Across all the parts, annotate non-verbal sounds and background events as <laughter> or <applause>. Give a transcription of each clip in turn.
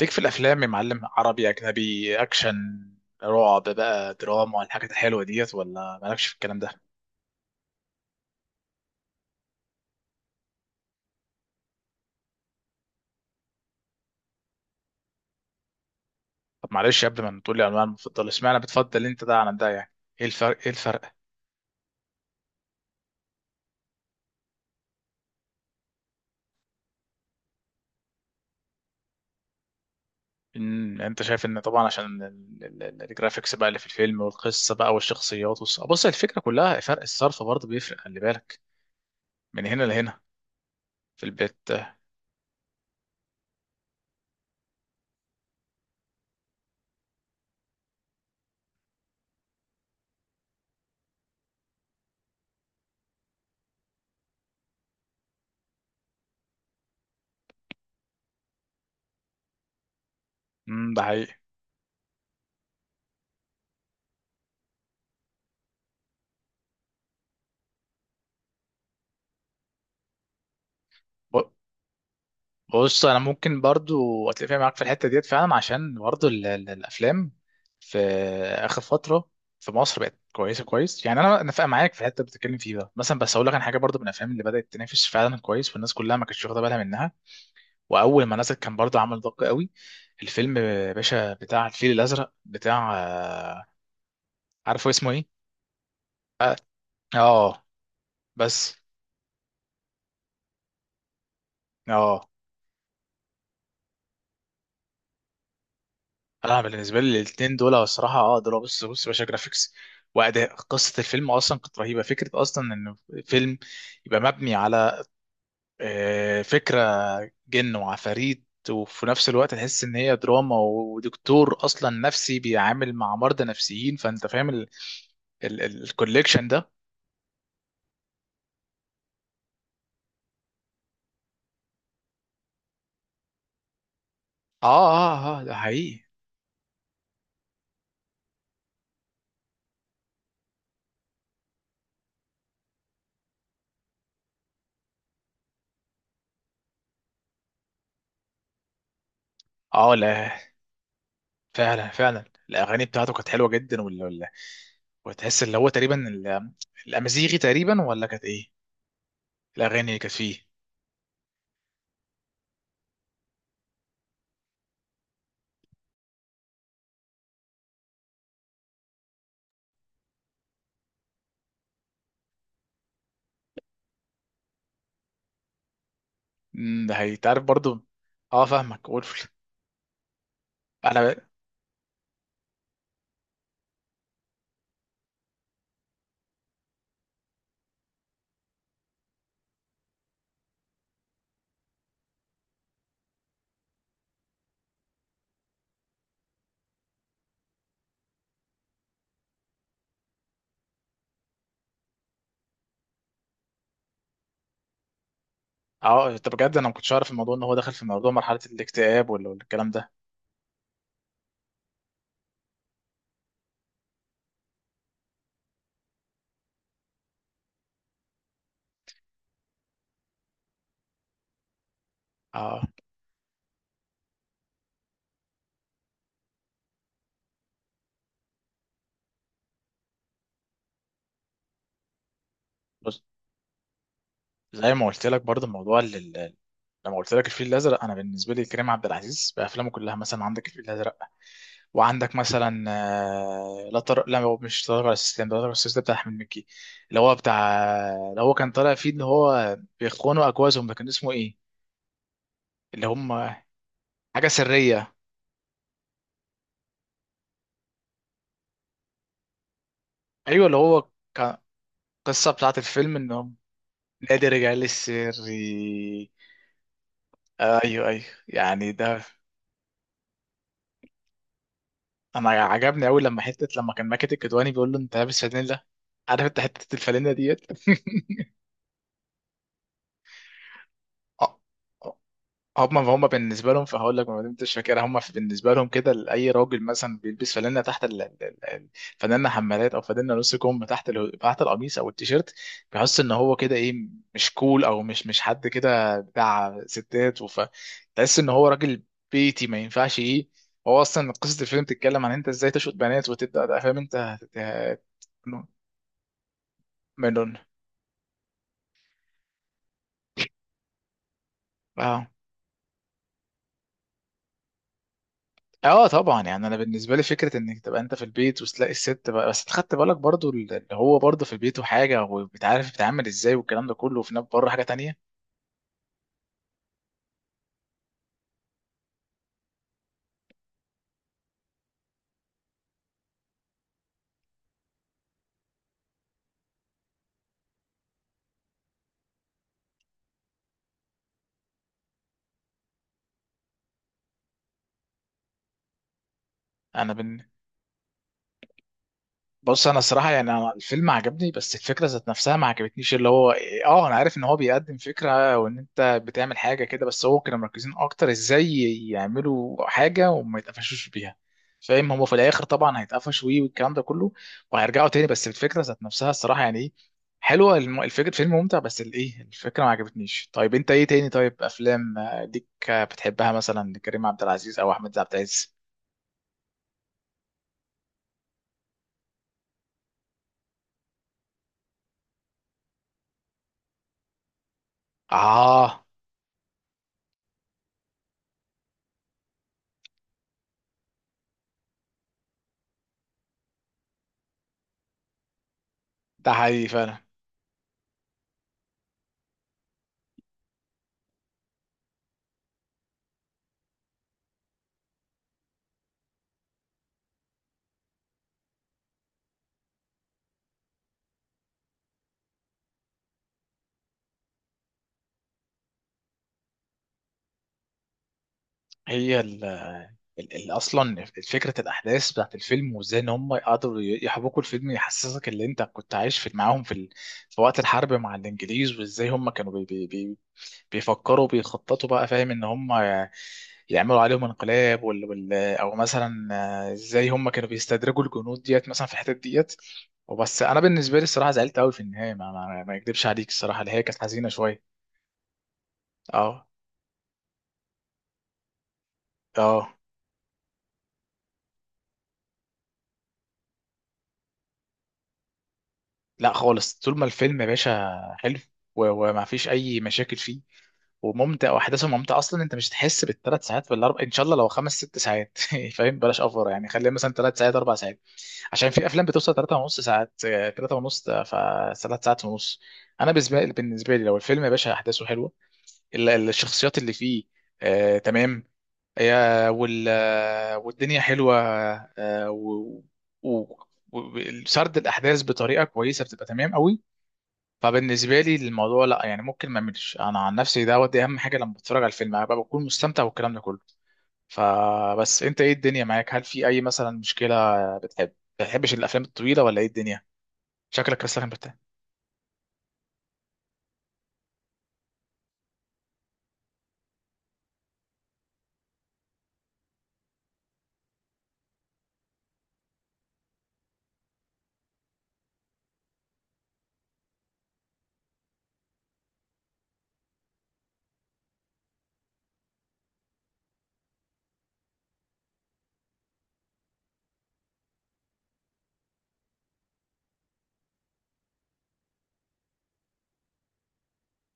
ليك في الافلام يا معلم، عربي، اجنبي، اكشن، رعب بقى، دراما، الحاجات الحلوه ديت، ولا مالكش في الكلام ده؟ طب معلش، قبل ما تقول لي انواع المفضله، اشمعنى بتفضل انت ده عن ده يعني؟ ايه الفرق؟ ايه الفرق؟ إن انت شايف ان طبعا عشان الجرافيكس بقى اللي في الفيلم، والقصه بقى، والشخصيات، بص، الفكره كلها فرق الصرف برضه بيفرق. خلي بالك، من هنا لهنا، في البيت. ده حقيقي. بص، انا ممكن برضو اتفق معاك في الحته ديت فعلا، عشان برضو الافلام في اخر فتره في مصر بقت كويسه كويس، يعني انا نفق معاك في الحته اللي بتتكلم فيه ده مثلا. بس اقول لك عن حاجه برضو، من الافلام اللي بدات تنافس فعلا كويس والناس كلها ما كانتش واخده بالها منها، واول ما نزل كان برضو عمل ضجه قوي، الفيلم باشا بتاع الفيل الازرق بتاع، عارفه اسمه ايه؟ اه. بس اه، انا بالنسبه لي الـ2 دول هو الصراحه اه دول، بص بص يا باشا، جرافيكس واداء، قصه الفيلم اصلا كانت رهيبه. فكره اصلا ان فيلم يبقى مبني على فكره جن وعفاريت، وفي نفس الوقت تحس ان هي دراما، ودكتور اصلا نفسي بيعامل مع مرضى نفسيين، فانت فاهم الكوليكشن ده. اه، ده حقيقي. اه لا، فعلا فعلا الاغاني بتاعته كانت حلوه جدا، ولا ولا، وتحس اللي هو تقريبا الامازيغي تقريبا، ولا كانت ايه الاغاني اللي كانت فيه؟ ده هيتعرف برضو. اه فاهمك وولف. <laughs> انا. اه، طب بجد انا ما كنتش اعرف الموضوع ان هو داخل في موضوع مرحله الاكتئاب ولا ولا الكلام ده. اه. بص، زي ما قلت لك برضو موضوع لما قلت لك الفيل الازرق، انا بالنسبه لي كريم عبد العزيز بافلامه كلها، مثلا عندك الفيل الازرق، وعندك مثلا لا لا هو مش طارق ولا استسلام، ده طارق ولا استسلام بتاع احمد مكي، اللي هو بتاع اللي هو كان طالع فيه ان هو بيخونوا اجوازهم، ده كان اسمه ايه؟ اللي هم حاجه سريه. ايوه، اللي هو كان القصه بتاعت الفيلم ان هم نادي رجع لي السري. ايوه ايوه، يعني ده. انا عجبني قوي لما حته لما كان ماكد الكدواني بيقول له انت لابس فانيلا، عارف انت حته الفانيلا ديت. <laughs> آه. هما بالنسبه لهم، فهقول لك ما دمتش فاكر، هما بالنسبه لهم كده، لاي راجل مثلا بيلبس فانلة تحت فانلة حمالات او فانلة نص كم تحت تحت القميص او التيشيرت، بيحس ان هو كده ايه، مش كول، او مش حد كده بتاع ستات، وف تحس ان هو راجل بيتي ما ينفعش ايه. هو اصلا قصه الفيلم بتتكلم عن انت ازاي تشوط بنات وتبدا بقى، فاهم انت منهم. اه. اه طبعا، يعني انا بالنسبه لي فكره انك تبقى انت في البيت وتلاقي الست بقى، بس خدت بالك برضو اللي هو برضو في البيت وحاجه وبتعرف بتتعامل ازاي والكلام ده كله، وفي نفس بره حاجه تانية. انا بن... بص، انا الصراحه يعني انا الفيلم عجبني، بس الفكره ذات نفسها ما عجبتنيش. اللي هو اه انا عارف ان هو بيقدم فكره وان انت بتعمل حاجه كده، بس هو كانوا مركزين اكتر ازاي يعملوا حاجه وما يتقفشوش بيها، فاهم؟ هما في الاخر طبعا هيتقفشوا ويه والكلام ده كله، وهيرجعوا تاني، بس الفكره ذات نفسها الصراحه يعني ايه، حلوه الفكره، الفيلم ممتع، بس الايه الفكره ما عجبتنيش. طيب انت ايه تاني؟ طيب افلام ليك بتحبها مثلا، كريم عبد العزيز او احمد عبد العزيز؟ اه، ده حقيقي فعلا. هي اصلا فكره الاحداث بتاعت الفيلم، وازاي ان هم قدروا يحبكوا الفيلم يحسسك ان انت كنت عايش في معاهم في وقت الحرب مع الانجليز، وازاي هم كانوا بيفكروا بيخططوا بقى، فاهم ان هم يعملوا عليهم انقلاب او مثلا ازاي هم كانوا بيستدرجوا الجنود ديت مثلا في الحتت ديت. وبس انا بالنسبه لي الصراحه زعلت قوي في النهايه، ما اكدبش عليك الصراحه اللي هي كانت حزينه شويه. اه. اه، لا خالص، طول ما الفيلم يا باشا حلو، وما فيش اي مشاكل فيه وممتع واحداثه ممتعه، اصلا انت مش هتحس بالثلاث ساعات، والاربع ان شاء الله، لو 5 6 ساعات. <laughs> فاهم، بلاش اوفر يعني، خليها مثلا 3 ساعات 4 ساعات، عشان في افلام بتوصل 3 ونص ساعات، 3 ونص، فثلاث ساعات ونص. انا بالنسبه لي لو الفيلم يا باشا احداثه حلوه، الشخصيات اللي فيه آه تمام، يا وال آه، والدنيا حلوه، آه، و و- وسرد الاحداث بطريقه كويسه، بتبقى تمام قوي. فبالنسبه لي الموضوع لا، يعني ممكن ما اعملش انا عن نفسي دوت، دي اهم حاجه، لما بتفرج على الفيلم ابقى بكون مستمتع والكلام ده كله. فبس انت ايه الدنيا معاك؟ هل في اي مثلا مشكله، بتحب ما بتحبش الافلام الطويله، ولا ايه الدنيا؟ شكلك لسه كان بتاع.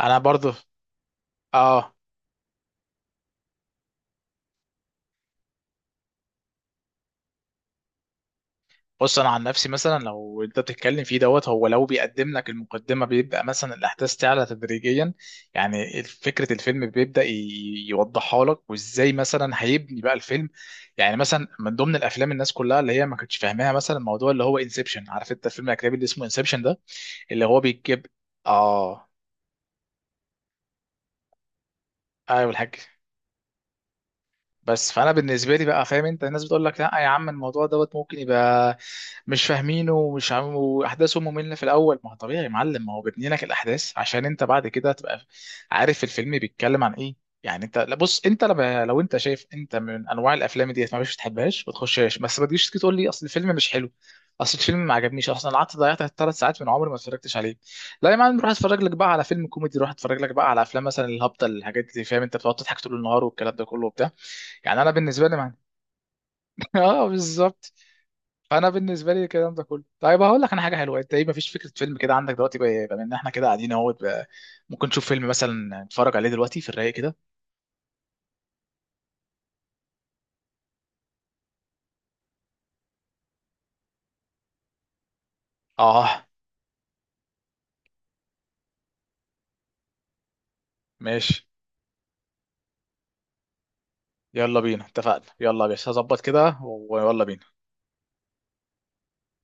انا برضو اه. بص، انا عن نفسي مثلا لو انت بتتكلم فيه دوت، هو لو بيقدم لك المقدمه بيبدا مثلا الاحداث تعلى تدريجيا، يعني فكره الفيلم بيبدا يوضحها لك وازاي مثلا هيبني بقى الفيلم. يعني مثلا من ضمن الافلام الناس كلها اللي هي ما كانتش فاهماها، مثلا الموضوع اللي هو انسبشن، عارف انت الفيلم الاجنبي اللي اسمه انسبشن ده، اللي هو بيجيب. اه، ايوه الحاج. بس فانا بالنسبه لي بقى، فاهم انت الناس بتقول لك لا يا عم، الموضوع دوت ممكن يبقى مش فاهمينه ومش عم واحداثه ممله في الاول، ما هو طبيعي يا معلم، ما هو بيبني لك الاحداث عشان انت بعد كده تبقى عارف الفيلم بيتكلم عن ايه. يعني انت لا، بص، انت لما لو انت شايف انت من انواع الافلام ديت ما بتحبهاش بتحبهاش، ما تخشهاش، بس ما تجيش تيجي تقول لي اصل الفيلم مش حلو، اصل الفيلم ما عجبنيش، اصلا قعدت ضيعت 3 ساعات من عمري ما اتفرجتش عليه. لا يا معلم، روح اتفرج لك بقى على فيلم كوميدي، روح اتفرج لك بقى على افلام مثلا الهبطه الحاجات دي، فاهم انت، بتقعد تضحك طول النهار والكلام ده كله وبتاع. يعني انا بالنسبه لي معنى. <laughs> اه بالظبط. فانا بالنسبه لي الكلام ده كله. طيب هقول لك انا حاجه حلوه، انت ايه، مفيش فكره فيلم كده عندك دلوقتي بقى، بما ان احنا كده قاعدين اهوت بقى، ممكن نشوف فيلم مثلا نتفرج عليه دلوقتي في الرايق كده؟ اه ماشي. يلا بينا، اتفقنا، يلا يا باشا هظبط كده، ويلا بينا.